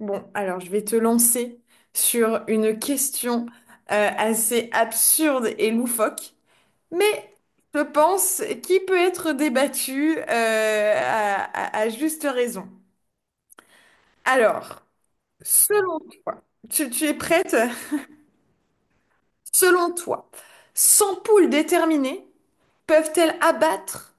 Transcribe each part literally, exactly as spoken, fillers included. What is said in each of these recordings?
Bon, alors je vais te lancer sur une question euh, assez absurde et loufoque, mais je pense qui peut être débattue euh, à, à- à juste raison. Alors, selon toi, tu, tu es prête? Selon toi, cent poules déterminées peuvent-elles abattre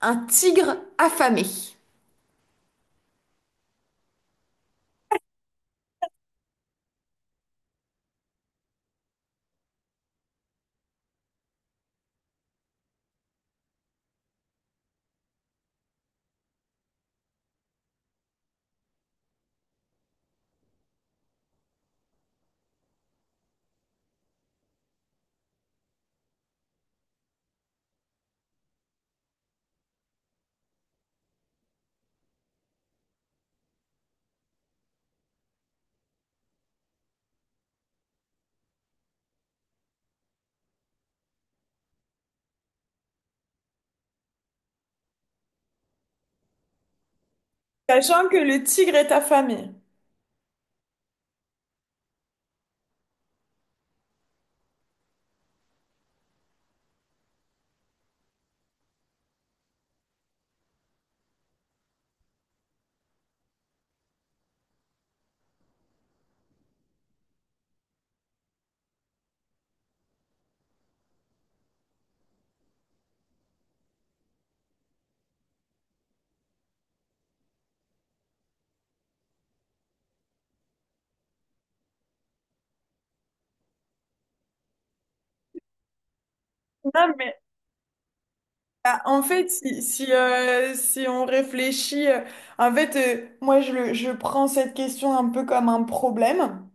un tigre affamé? Sachant que le tigre est affamé. Non, mais bah, en fait, si, si, euh, si on réfléchit, euh, en fait, euh, moi, je, le- je prends cette question un peu comme un problème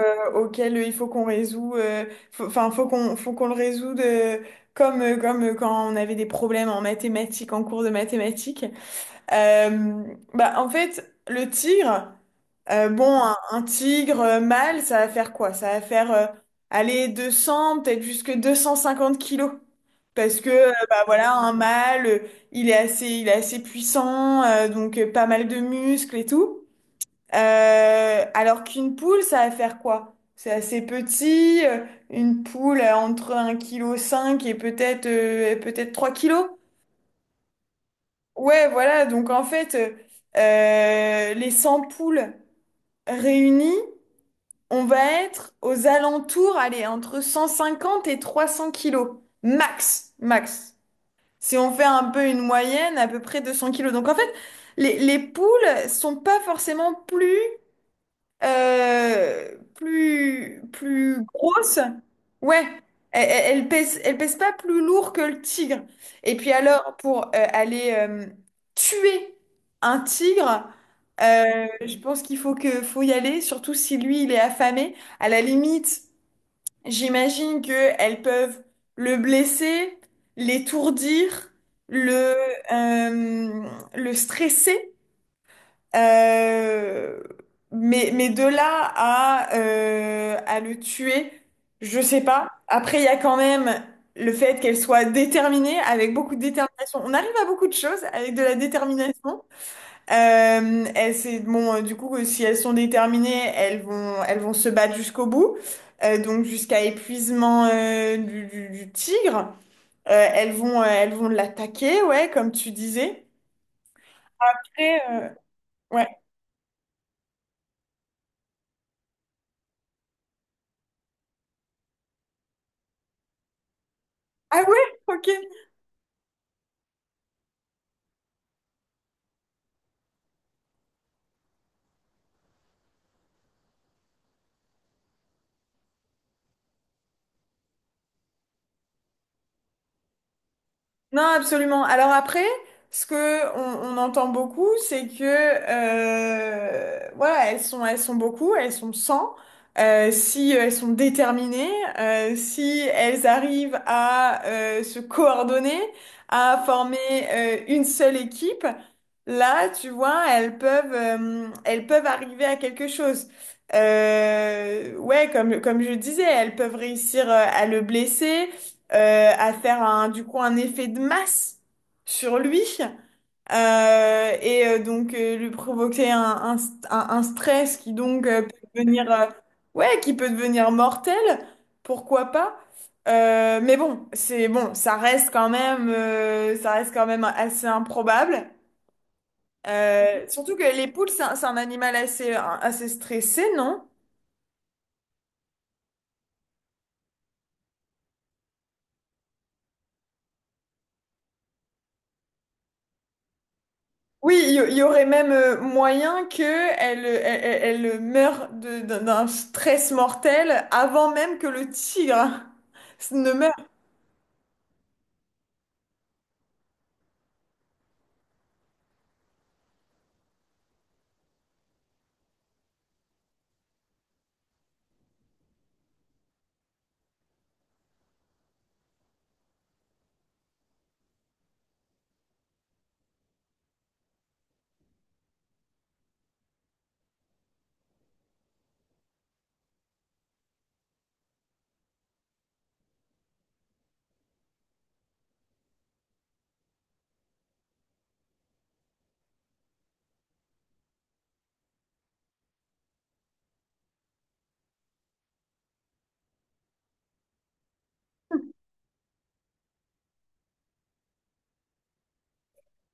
euh, auquel euh, il faut qu'on résout, euh, faut- enfin, faut qu'on, faut qu'on le résoudre euh, comme, euh, comme euh, quand on avait des problèmes en mathématiques, en cours de mathématiques. Euh, Bah, en fait, le tigre, euh, bon, un, un tigre euh, mâle, ça va faire quoi? Ça va faire euh, aller deux cents, peut-être jusque deux cent cinquante kilos. Parce que, euh, bah voilà, un mâle, euh, il est assez, il est assez puissant, euh, donc euh, pas mal de muscles et tout. Euh, alors qu'une poule, ça va faire quoi? C'est assez petit, euh, une poule euh, entre un virgule cinq kg et peut-être euh, peut-être trois kilos. Ouais, voilà, donc en fait, euh, euh, les cent poules réunies, on va être aux alentours, allez, entre cent cinquante et trois cents kilos, max, max. Si on fait un peu une moyenne, à peu près deux cents kilos. Donc en fait, les, les poules sont pas forcément plus euh, plus, plus grosse. Ouais, elle, elle- elle pèse, elle pèse pas plus lourd que le tigre. Et puis alors, pour euh, aller euh, tuer un tigre, euh, je pense qu'il faut que, faut y aller, surtout si lui, il est affamé. À la limite, j'imagine qu'elles peuvent le blesser, l'étourdir, le, euh, le stresser. Euh, mais, mais de là à, euh, à le tuer, je sais pas. Après, il y a quand même le fait qu'elle soit déterminée, avec beaucoup de détermination. On arrive à beaucoup de choses avec de la détermination. Euh, elles, c'est, bon, euh, du coup, euh, si elles sont déterminées, elles vont, elles vont se battre jusqu'au bout. Euh, donc jusqu'à épuisement euh, du, du- du tigre. Euh, elles vont, euh, elles vont l'attaquer, ouais, comme tu disais. Après, euh, ouais. Ah ouais, ok. Non, absolument. Alors après, ce que on, on entend beaucoup, c'est que euh, voilà, elles sont, elles sont beaucoup, elles sont cent. Euh, si elles sont déterminées, euh, si elles arrivent à euh, se coordonner, à former euh, une seule équipe, là, tu vois, elles peuvent, euh, elles peuvent arriver à quelque chose. Euh, ouais, comme, comme je disais, elles peuvent réussir euh, à le blesser, euh, à faire un, du coup un effet de masse sur lui euh, et euh, donc euh, lui provoquer un, un, st- un- un stress qui donc euh, peut devenir euh, ouais qui peut devenir mortel, pourquoi pas. Euh, mais bon c'est bon ça reste quand même euh, ça reste quand même assez improbable. Euh, surtout que les poules c'est un, c'est un animal assez assez stressé, non? Oui, il y, il y aurait même euh, moyen que elle, euh, elle, elle, euh, meure de- d'un d'un stress mortel avant même que le tigre ne meure.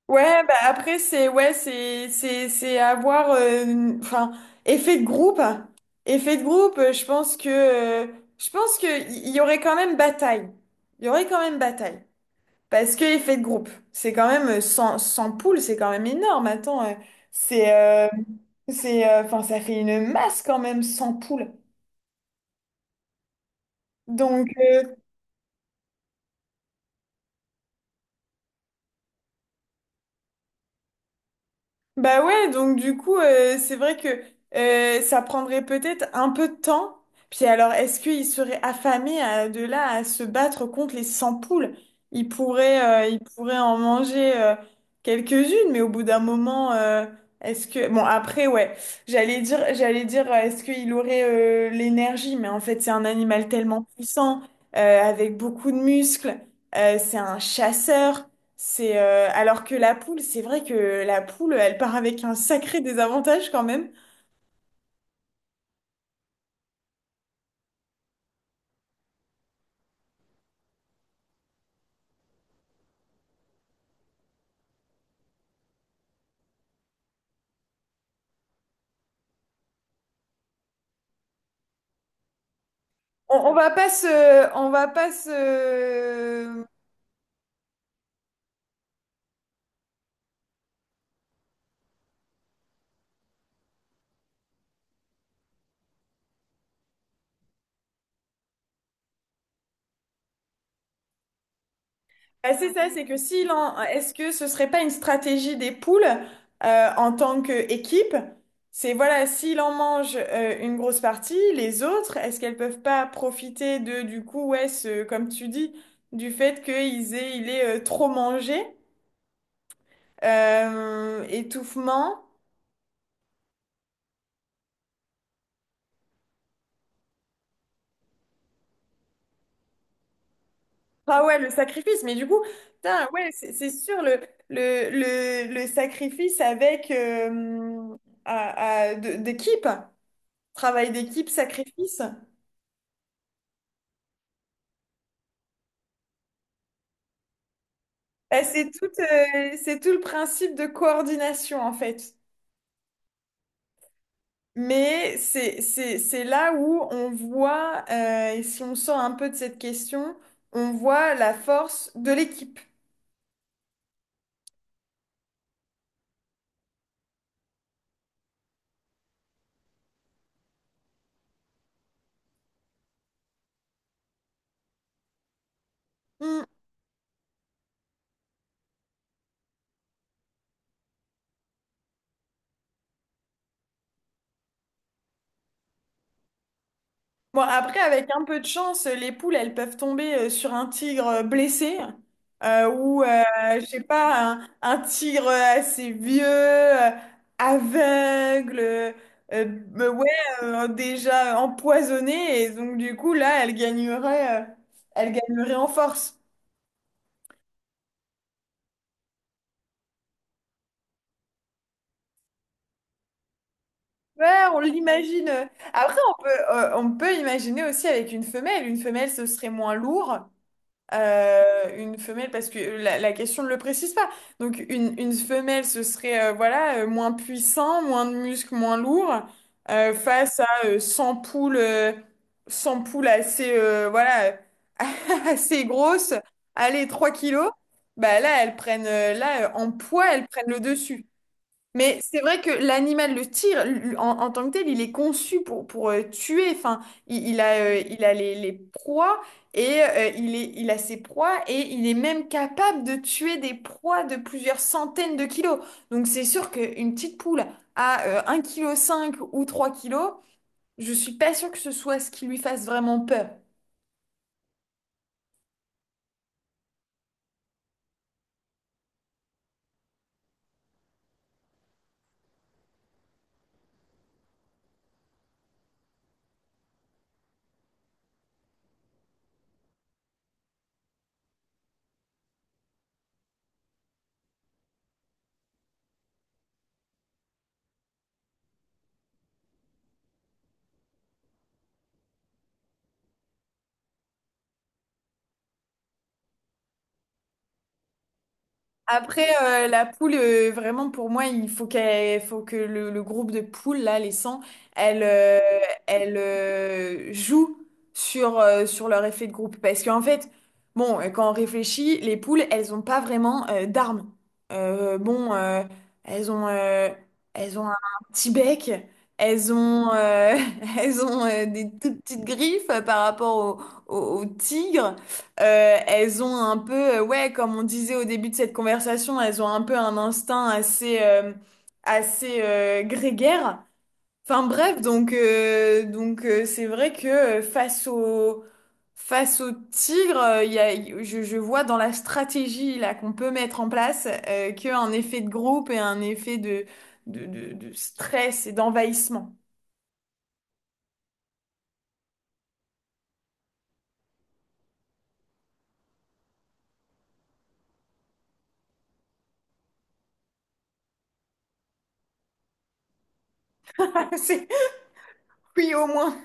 Ouais, bah après c'est ouais c'est c'est c'est avoir euh, une- enfin effet de groupe, effet de groupe. euh, Je pense que euh, je pense que il y il y aurait quand même bataille. Il y aurait quand même bataille. Parce que effet de groupe, c'est quand même cent cent poules, c'est quand même énorme. Attends, euh, c'est euh, c'est euh, enfin ça fait une masse quand même cent poules. Donc euh, Bah ouais, donc du coup, euh, c'est vrai que euh, ça prendrait peut-être un peu de temps. Puis alors, est-ce qu'ils seraient affamés à- de là à se battre contre les cent poules? Ils pourraient, euh, ils pourraient en manger euh, quelques-unes, mais au bout d'un moment, euh, est-ce que... Bon, après, ouais, j'allais dire, j'allais dire, euh, est-ce qu'il aurait euh, l'énergie? Mais en fait, c'est un animal tellement puissant, euh, avec beaucoup de muscles, euh, c'est un chasseur. C'est euh, Alors que la poule, c'est vrai que la poule, elle part avec un sacré désavantage quand même. On, on va pas se, on va pas se. Ah, c'est ça, c'est que s'il en, est-ce que ce serait pas une stratégie des poules euh, en tant qu'équipe? C'est voilà, s'il en mange euh, une grosse partie, les autres, est-ce qu'elles peuvent pas profiter de du coup, ouais, ce, comme tu dis, du fait qu'ils aient, il est euh, trop mangé, euh, étouffement. Ah ouais, le sacrifice, mais du coup, putain, ouais, c'est c'est sûr, le, le, le, le sacrifice avec euh, à- à- de- d'équipe, travail d'équipe, sacrifice. Eh, c'est tout, euh, c'est tout le principe de coordination en fait. Mais c'est, c'est, c'est là où on voit, euh, et si on sort un peu de cette question, on voit la force de l'équipe. Hmm. Bon, après, avec un peu de chance, les poules, elles peuvent tomber euh, sur un tigre euh, blessé euh, ou, euh, je sais pas, un, un tigre euh, assez vieux, euh, aveugle, euh, euh, ouais, euh, déjà empoisonné. Et donc, du coup, là, elle gagnerait, euh, elle gagnerait en force. Ouais, on l'imagine. Après, on peut, euh, on peut imaginer aussi avec une femelle. Une femelle, ce serait moins lourd. Euh, une femelle, parce que la, la question ne le précise pas. Donc une, une femelle, ce serait euh, voilà, euh, moins puissant, moins de muscles, moins lourd, euh, face à euh, cent poules, euh, cent poules assez, euh, voilà, assez grosses, allez, trois kilos, bah là, elles prennent, euh, là, euh, en poids, elles prennent le dessus. Mais c'est vrai que l'animal, le tir, l- en, en tant que tel, il est conçu pour, pour euh, tuer. Enfin, il, il a, euh, il a les, les proies et euh, il est, il a ses proies et il est même capable de tuer des proies de plusieurs centaines de kilos. Donc c'est sûr qu'une petite poule à euh, un virgule cinq kg ou trois kilos, je suis pas sûre que ce soit ce qui lui fasse vraiment peur. Après, euh, la poule, euh, vraiment, pour moi, il faut qu'elle, faut que le, le groupe de poules, là, les cent, elle, euh, elle euh, joue sur, euh, sur leur effet de groupe. Parce qu'en fait, bon, euh, quand on réfléchit, les poules, elles n'ont pas vraiment euh, d'armes. Euh, bon, euh, elles ont, euh, elles ont un petit bec, elles ont, euh, elles ont euh, des toutes petites griffes par rapport aux au- au tigre. Euh, elles ont un peu, euh, ouais, comme on disait au début de cette conversation, elles ont un peu un instinct assez, euh, assez euh, grégaire. Enfin bref, donc, euh, donc euh, c'est vrai que euh, face au, face au tigre, euh, il y a, je, je vois dans la stratégie là qu'on peut mettre en place euh, qu'un effet de groupe et un effet de, de, de, de stress et d'envahissement. C'est- Oui, au moins.